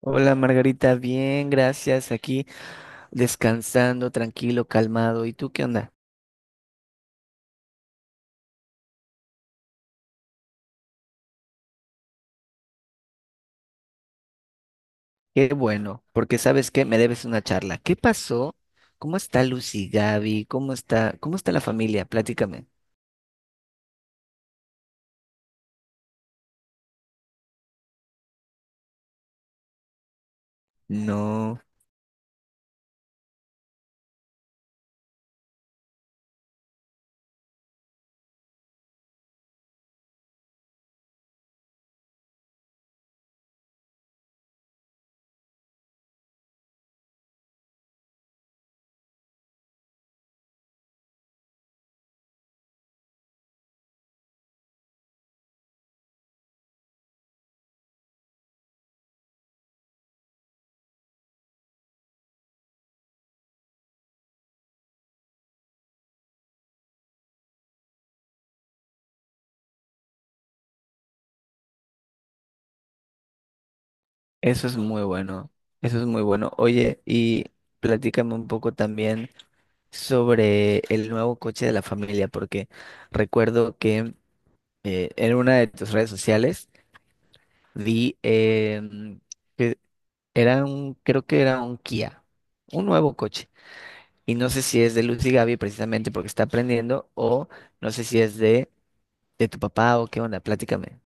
Hola Margarita, bien, gracias. Aquí descansando, tranquilo, calmado. ¿Y tú qué onda? Qué bueno, porque sabes que me debes una charla. ¿Qué pasó? ¿Cómo está Lucy Gaby? ¿Cómo está la familia? Platícame. No, eso es muy bueno. Eso es muy bueno. Oye, y platícame un poco también sobre el nuevo coche de la familia, porque recuerdo que en una de tus redes sociales vi que era un, creo que era un Kia, un nuevo coche. Y no sé si es de Lucy Gaby precisamente porque está aprendiendo, o no sé si es de tu papá o qué onda, platícame.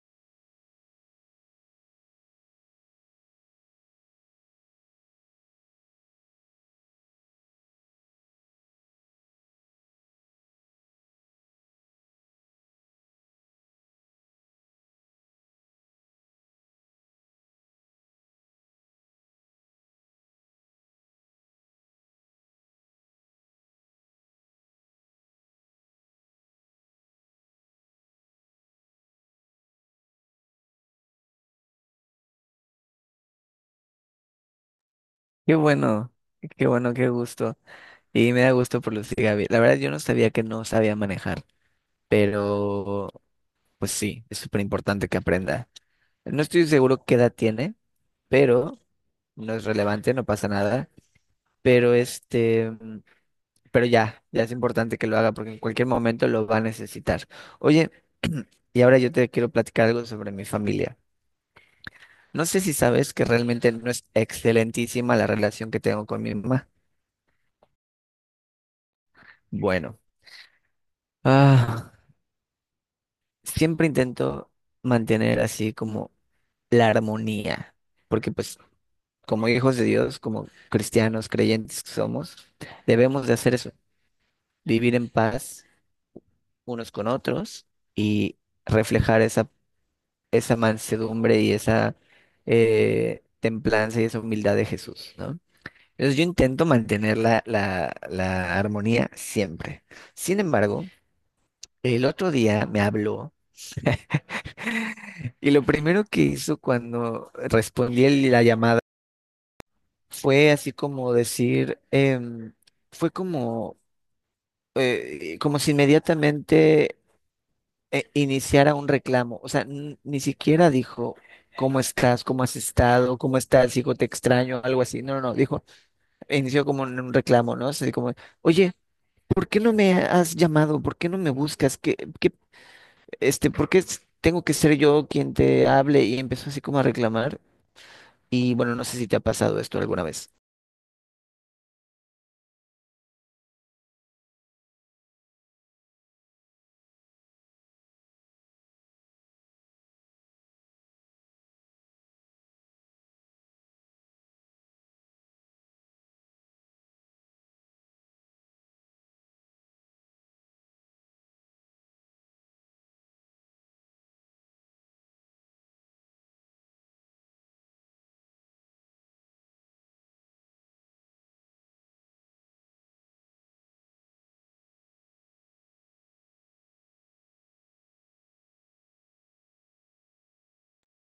Qué bueno, qué bueno, qué gusto. Y me da gusto por Lucy Gaby. La verdad yo no sabía que no sabía manejar, pero pues sí, es súper importante que aprenda. No estoy seguro qué edad tiene, pero no es relevante, no pasa nada. Pero Pero ya, ya es importante que lo haga porque en cualquier momento lo va a necesitar. Oye, y ahora yo te quiero platicar algo sobre mi familia. No sé si sabes que realmente no es excelentísima la relación que tengo con mi mamá. Bueno, ah, siempre intento mantener así como la armonía, porque pues como hijos de Dios, como cristianos creyentes que somos, debemos de hacer eso, vivir en paz unos con otros y reflejar esa mansedumbre y esa templanza y esa humildad de Jesús, ¿no? Entonces yo intento mantener la armonía siempre. Sin embargo, el otro día me habló y lo primero que hizo cuando respondí la llamada fue así como decir, fue como, como si inmediatamente iniciara un reclamo. O sea, ni siquiera dijo, ¿cómo estás? ¿Cómo has estado? ¿Cómo estás, hijo? Te extraño, algo así. No, no, no, dijo, inició como un reclamo, ¿no? Así como, oye, ¿por qué no me has llamado? ¿Por qué no me buscas? Este, ¿por qué tengo que ser yo quien te hable? Y empezó así como a reclamar. Y bueno, no sé si te ha pasado esto alguna vez.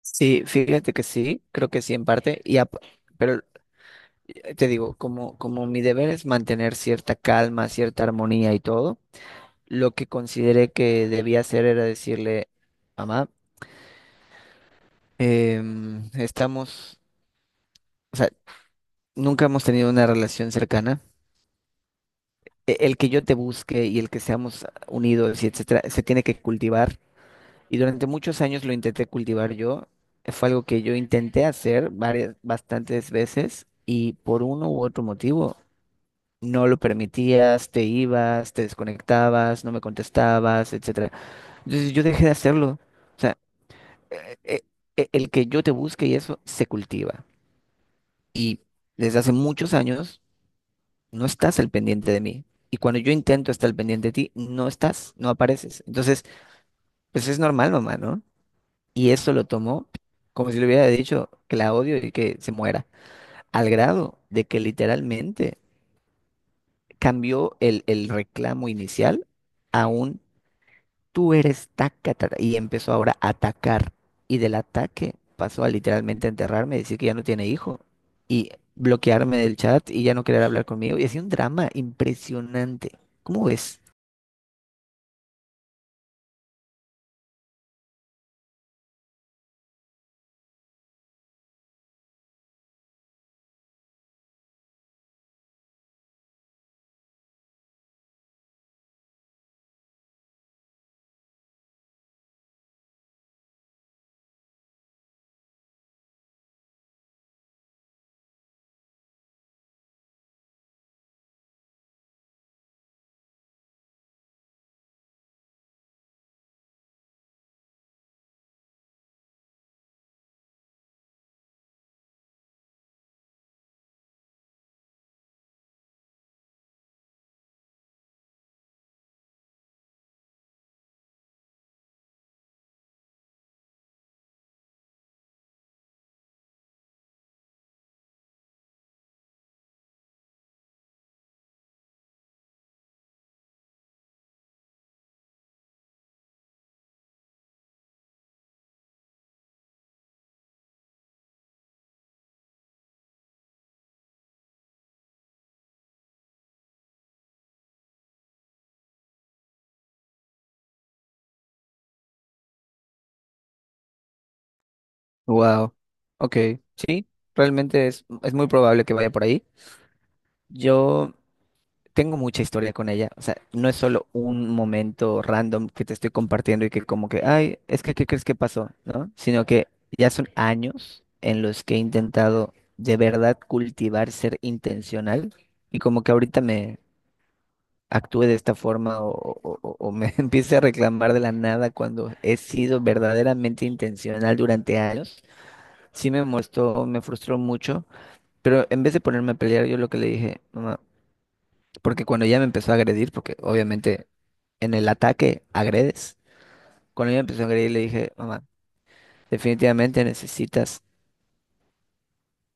Sí, fíjate que sí, creo que sí en parte, pero te digo, como mi deber es mantener cierta calma, cierta armonía y todo, lo que consideré que debía hacer era decirle, mamá, em, estamos, o sea, nunca hemos tenido una relación cercana. El que yo te busque y el que seamos unidos y etcétera, se tiene que cultivar. Y durante muchos años lo intenté cultivar yo. Fue algo que yo intenté hacer bastantes veces y por uno u otro motivo no lo permitías, te ibas, te desconectabas, no me contestabas, etcétera. Entonces yo dejé de hacerlo. eh, eh, el que yo te busque y eso se cultiva. Y desde hace muchos años no estás al pendiente de mí. Y cuando yo intento estar al pendiente de ti, no estás, no apareces. Entonces, pues es normal, mamá, ¿no? Y eso lo tomó como si le hubiera dicho que la odio y que se muera. Al grado de que literalmente cambió el reclamo inicial a un "tú eres taca, taca", y empezó ahora a atacar. Y del ataque pasó a literalmente enterrarme, decir que ya no tiene hijo y bloquearme del chat y ya no querer hablar conmigo. Y hacía un drama impresionante. ¿Cómo ves? Wow. Ok. Realmente es muy probable que vaya por ahí. Yo tengo mucha historia con ella. O sea, no es solo un momento random que te estoy compartiendo y que como que, ay, es que, ¿qué crees que pasó? ¿No? Sino que ya son años en los que he intentado de verdad cultivar ser intencional y como que ahorita me actúe de esta forma o me empiece a reclamar de la nada cuando he sido verdaderamente intencional durante años. Sí me frustró mucho, pero en vez de ponerme a pelear, yo lo que le dije, mamá. Porque cuando ella me empezó a agredir, porque obviamente en el ataque agredes, cuando ella me empezó a agredir le dije, mamá, definitivamente necesitas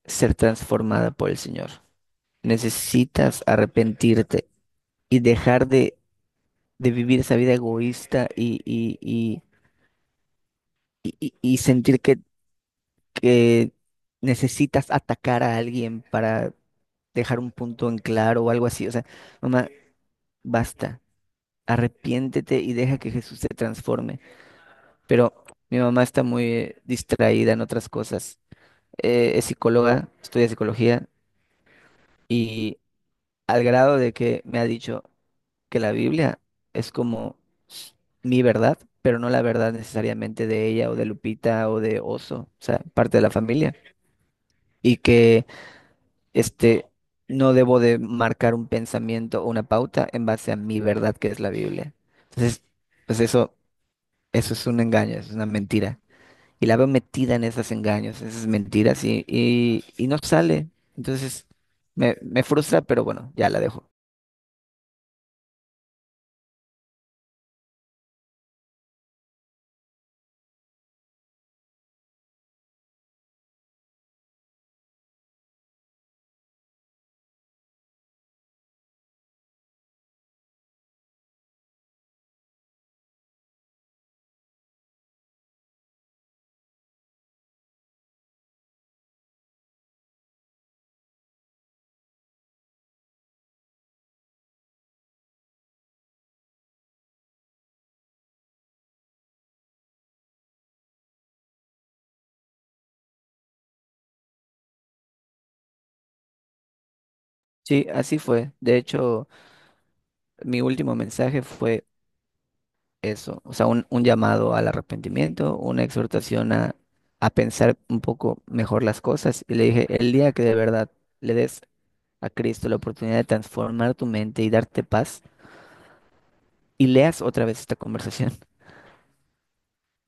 ser transformada por el Señor. Necesitas arrepentirte y de vivir esa vida egoísta y sentir que necesitas atacar a alguien para dejar un punto en claro o algo así. O sea, mamá, basta, arrepiéntete y deja que Jesús te transforme. Pero mi mamá está muy distraída en otras cosas. Es psicóloga, estudia psicología y al grado de que me ha dicho que la Biblia es como s- mi verdad, pero no la verdad necesariamente de ella o de Lupita o de Oso, o sea, parte de la familia, y que este no debo de marcar un pensamiento o una pauta en base a mi verdad que es la Biblia. Entonces, pues eso es un engaño, es una mentira. Y la veo metida en esos engaños, esas mentiras y no sale. Entonces me frustra, pero bueno, ya la dejo. Sí, así fue. De hecho, mi último mensaje fue eso, o sea, un llamado al arrepentimiento, una exhortación a pensar un poco mejor las cosas. Y le dije, el día que de verdad le des a Cristo la oportunidad de transformar tu mente y darte paz, y leas otra vez esta conversación,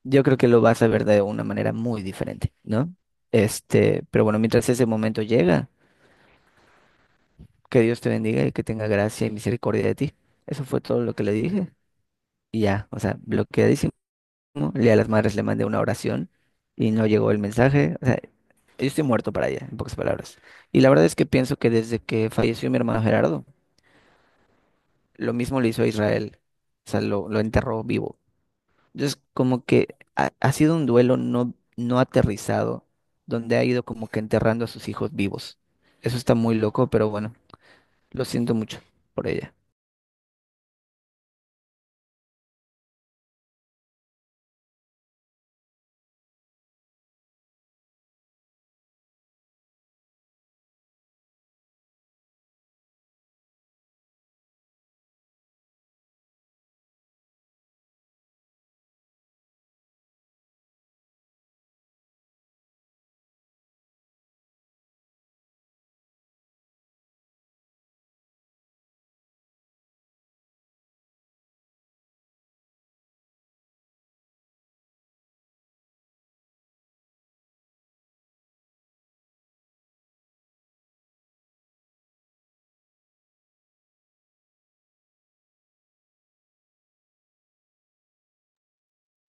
yo creo que lo vas a ver de una manera muy diferente, ¿no? Este, pero bueno, mientras ese momento llega, que Dios te bendiga y que tenga gracia y misericordia de ti. Eso fue todo lo que le dije. Y ya, o sea, bloqueadísimo. Le a las madres le mandé una oración y no llegó el mensaje. O sea, yo estoy muerto para ella, en pocas palabras. Y la verdad es que pienso que desde que falleció mi hermano Gerardo, lo mismo le hizo a Israel. O sea, lo enterró vivo. Es como que ha sido un duelo no aterrizado, donde ha ido como que enterrando a sus hijos vivos. Eso está muy loco, pero bueno, lo siento mucho por ella.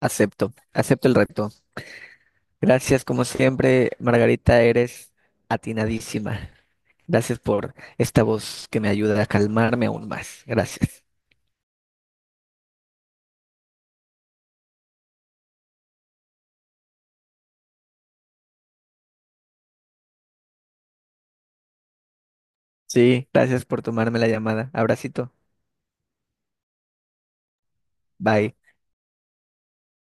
Acepto, acepto el reto. Gracias, como siempre, Margarita, eres atinadísima. Gracias por esta voz que me ayuda a calmarme aún más. Gracias. Sí, gracias por tomarme la llamada. Abracito. Bye.